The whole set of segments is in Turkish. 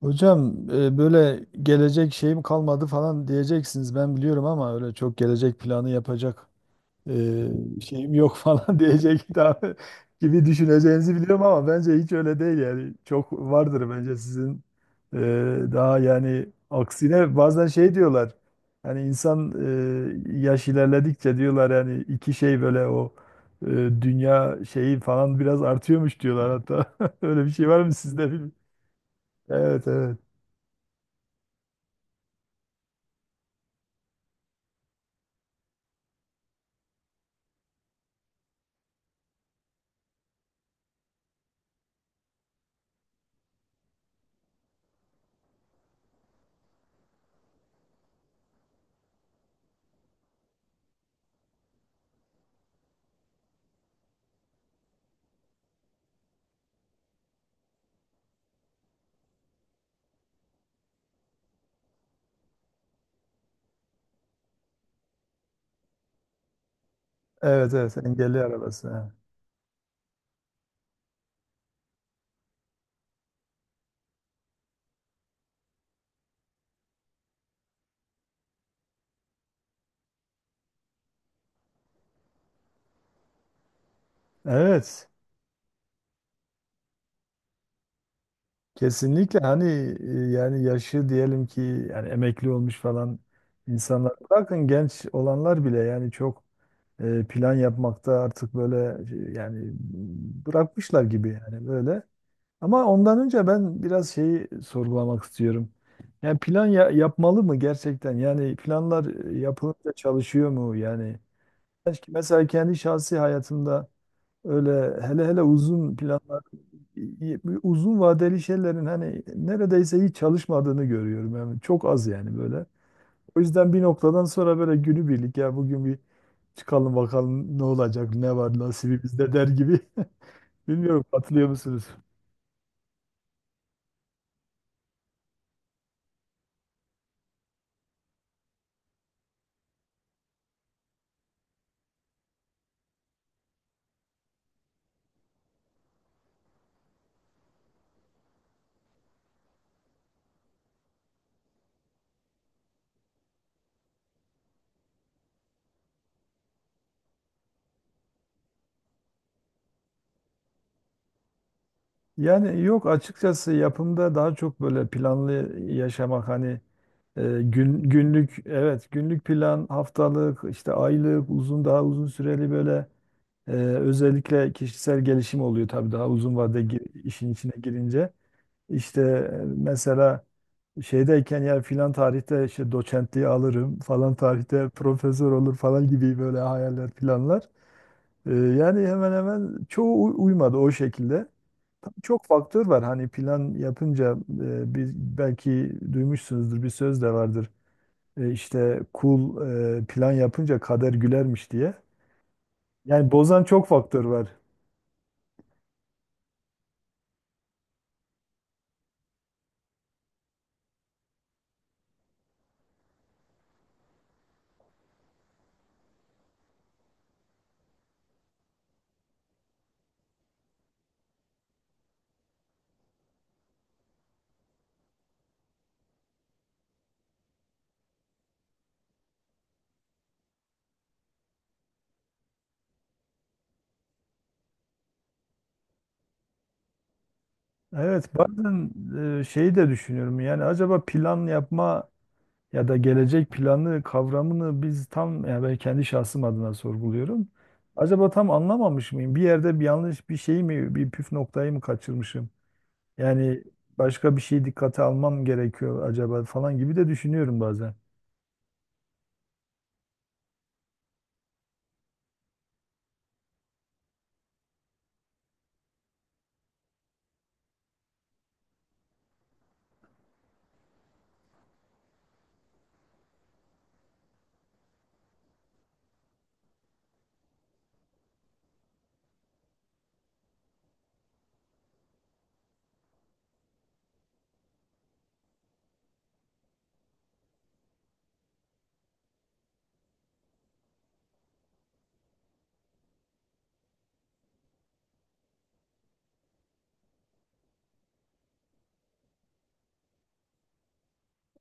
Hocam böyle gelecek şeyim kalmadı falan diyeceksiniz ben biliyorum ama öyle çok gelecek planı yapacak şeyim yok falan diyecek daha gibi düşüneceğinizi biliyorum ama bence hiç öyle değil yani çok vardır bence sizin e, daha yani aksine bazen şey diyorlar hani insan yaş ilerledikçe diyorlar yani iki şey böyle o e, dünya şeyi falan biraz artıyormuş diyorlar hatta öyle bir şey var mı sizde bilmiyorum. Evet, evet. Evet, evet, engelli arabası. Evet, kesinlikle hani yani yaşı diyelim ki yani emekli olmuş falan insanlar bırakın genç olanlar bile yani çok plan yapmakta artık böyle, yani bırakmışlar gibi yani böyle. Ama ondan önce ben biraz şeyi sorgulamak istiyorum. Yani yapmalı mı gerçekten? Yani planlar yapılınca çalışıyor mu yani? Belki mesela kendi şahsi hayatımda öyle hele hele uzun plan uzun vadeli şeylerin hani neredeyse hiç çalışmadığını görüyorum. Yani çok az yani böyle. O yüzden bir noktadan sonra böyle günübirlik ya bugün bir çıkalım bakalım ne olacak, ne var nasibimizde der gibi. Bilmiyorum, katılıyor musunuz? Yani yok, açıkçası yapımda daha çok böyle planlı yaşamak hani günlük evet, günlük plan, haftalık, işte aylık, uzun, daha uzun süreli böyle. Özellikle kişisel gelişim oluyor tabii daha uzun vadede işin içine girince. İşte mesela şeydeyken ya filan tarihte işte doçentliği alırım, falan tarihte profesör olur falan gibi böyle hayaller, planlar. Yani hemen hemen çoğu uymadı o şekilde. Tabii çok faktör var hani plan yapınca belki duymuşsunuzdur bir söz de vardır. E, işte kul Plan yapınca kader gülermiş diye. Yani bozan çok faktör var. Evet, bazen şeyi de düşünüyorum. Yani acaba plan yapma ya da gelecek planı kavramını biz tam, ya ben kendi şahsım adına sorguluyorum. Acaba tam anlamamış mıyım? Bir yerde bir yanlış bir şey mi, bir püf noktayı mı kaçırmışım? Yani başka bir şey dikkate almam gerekiyor acaba falan gibi de düşünüyorum bazen.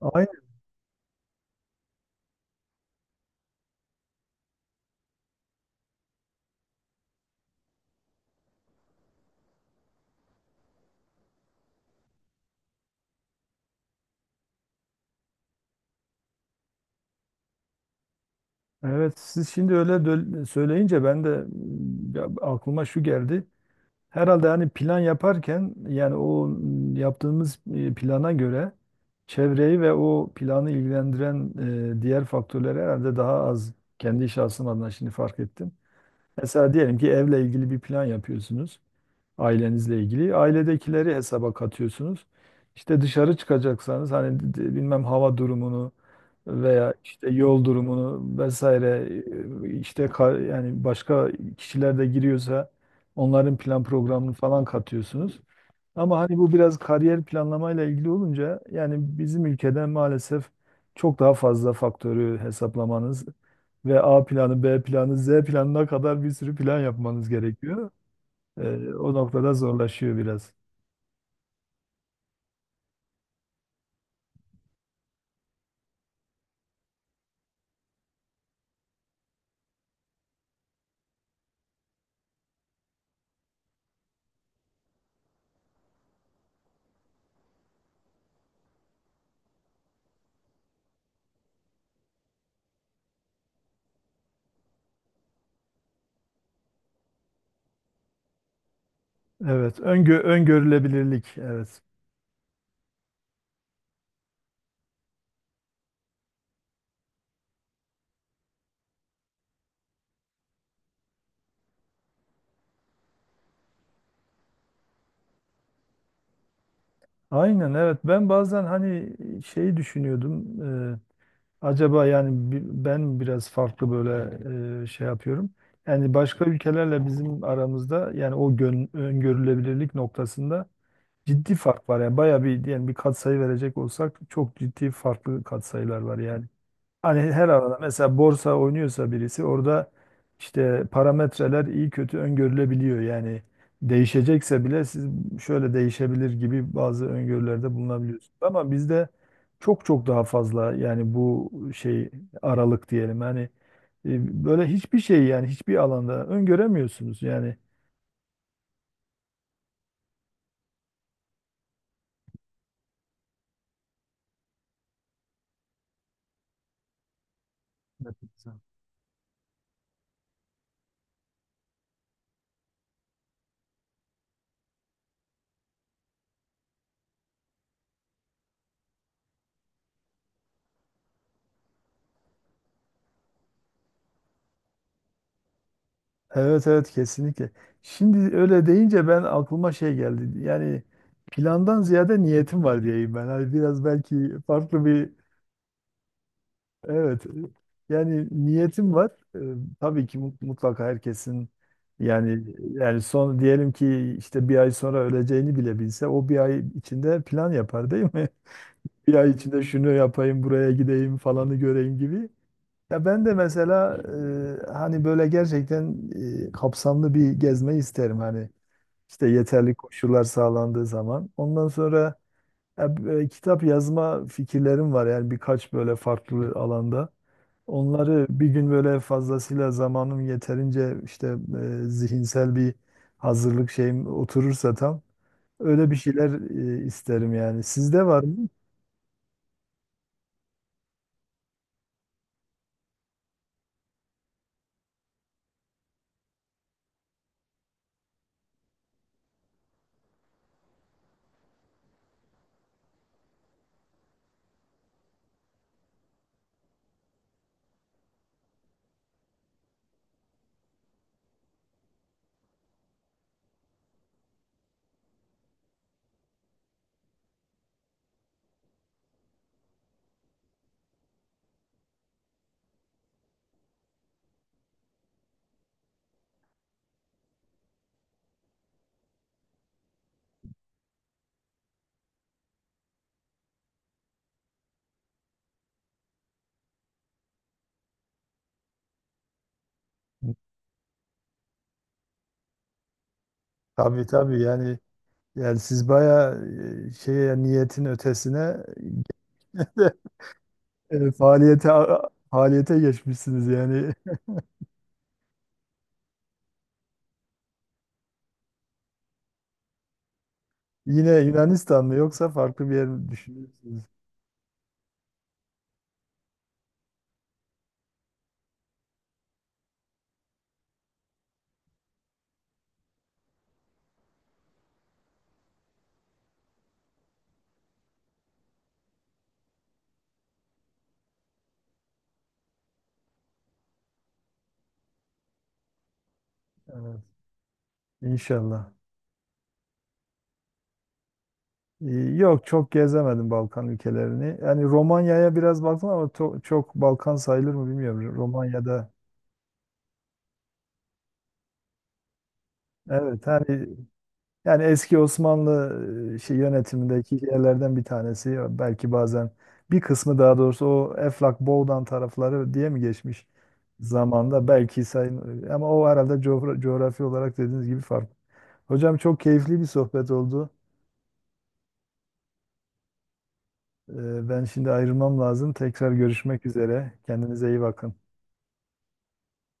Aynen. Evet, siz şimdi öyle söyleyince ben de ya aklıma şu geldi. Herhalde hani plan yaparken yani yaptığımız plana göre çevreyi ve o planı ilgilendiren diğer faktörleri herhalde daha az, kendi şahsım adına şimdi fark ettim. Mesela diyelim ki evle ilgili bir plan yapıyorsunuz, ailenizle ilgili. Ailedekileri hesaba katıyorsunuz. İşte dışarı çıkacaksanız hani bilmem hava durumunu veya işte yol durumunu vesaire, yani başka kişiler de giriyorsa onların plan programını falan katıyorsunuz. Ama hani bu biraz kariyer planlamayla ilgili olunca yani bizim ülkede maalesef çok daha fazla faktörü hesaplamanız ve A planı, B planı, Z planına kadar bir sürü plan yapmanız gerekiyor. O noktada zorlaşıyor biraz. Evet, öngörülebilirlik. Evet. Aynen, evet. Ben bazen hani şeyi düşünüyordum. Ee, Acaba yani ben biraz farklı böyle şey yapıyorum. Yani başka ülkelerle bizim aramızda yani o öngörülebilirlik noktasında ciddi fark var. Yani bayağı bir, diyelim bir katsayı verecek olsak, çok ciddi farklı katsayılar var yani. Hani her alanda mesela borsa oynuyorsa birisi orada işte parametreler iyi kötü öngörülebiliyor. Yani değişecekse bile siz şöyle değişebilir gibi bazı öngörülerde bulunabiliyorsunuz. Ama bizde çok çok daha fazla yani bu şey aralık diyelim. Hani böyle hiçbir şey, yani hiçbir alanda öngöremiyorsunuz. Yani evet. Evet, evet, kesinlikle. Şimdi öyle deyince ben aklıma şey geldi. Yani plandan ziyade niyetim var diyeyim ben. Hani biraz belki farklı bir evet. Yani niyetim var. Tabii ki mutlaka herkesin yani, yani son diyelim ki işte bir ay sonra öleceğini bile bilse o bir ay içinde plan yapar, değil mi? Bir ay içinde şunu yapayım, buraya gideyim, falanı göreyim gibi. Ya ben de mesela hani böyle gerçekten kapsamlı bir gezme isterim hani işte yeterli koşullar sağlandığı zaman. Ondan sonra ya, kitap yazma fikirlerim var yani birkaç böyle farklı alanda. Onları bir gün böyle fazlasıyla zamanım, yeterince işte zihinsel bir hazırlık şeyim oturursa tam öyle bir şeyler isterim yani. Sizde var mı? Tabii, tabii yani, yani siz bayağı şeye, niyetin ötesine de, E, faaliyete faaliyete geçmişsiniz yani. Yine Yunanistan mı yoksa farklı bir yer mi düşünüyorsunuz? Evet, inşallah. Yok, çok gezemedim Balkan ülkelerini. Yani Romanya'ya biraz baktım ama çok Balkan sayılır mı bilmiyorum. Romanya'da evet, hani yani eski Osmanlı şey yönetimindeki yerlerden bir tanesi belki, bazen bir kısmı daha doğrusu o Eflak Boğdan tarafları diye mi geçmiş zamanda belki sayın, ama o herhalde coğrafi olarak dediğiniz gibi farklı. Hocam çok keyifli bir sohbet oldu. Ben şimdi ayrılmam lazım. Tekrar görüşmek üzere. Kendinize iyi bakın.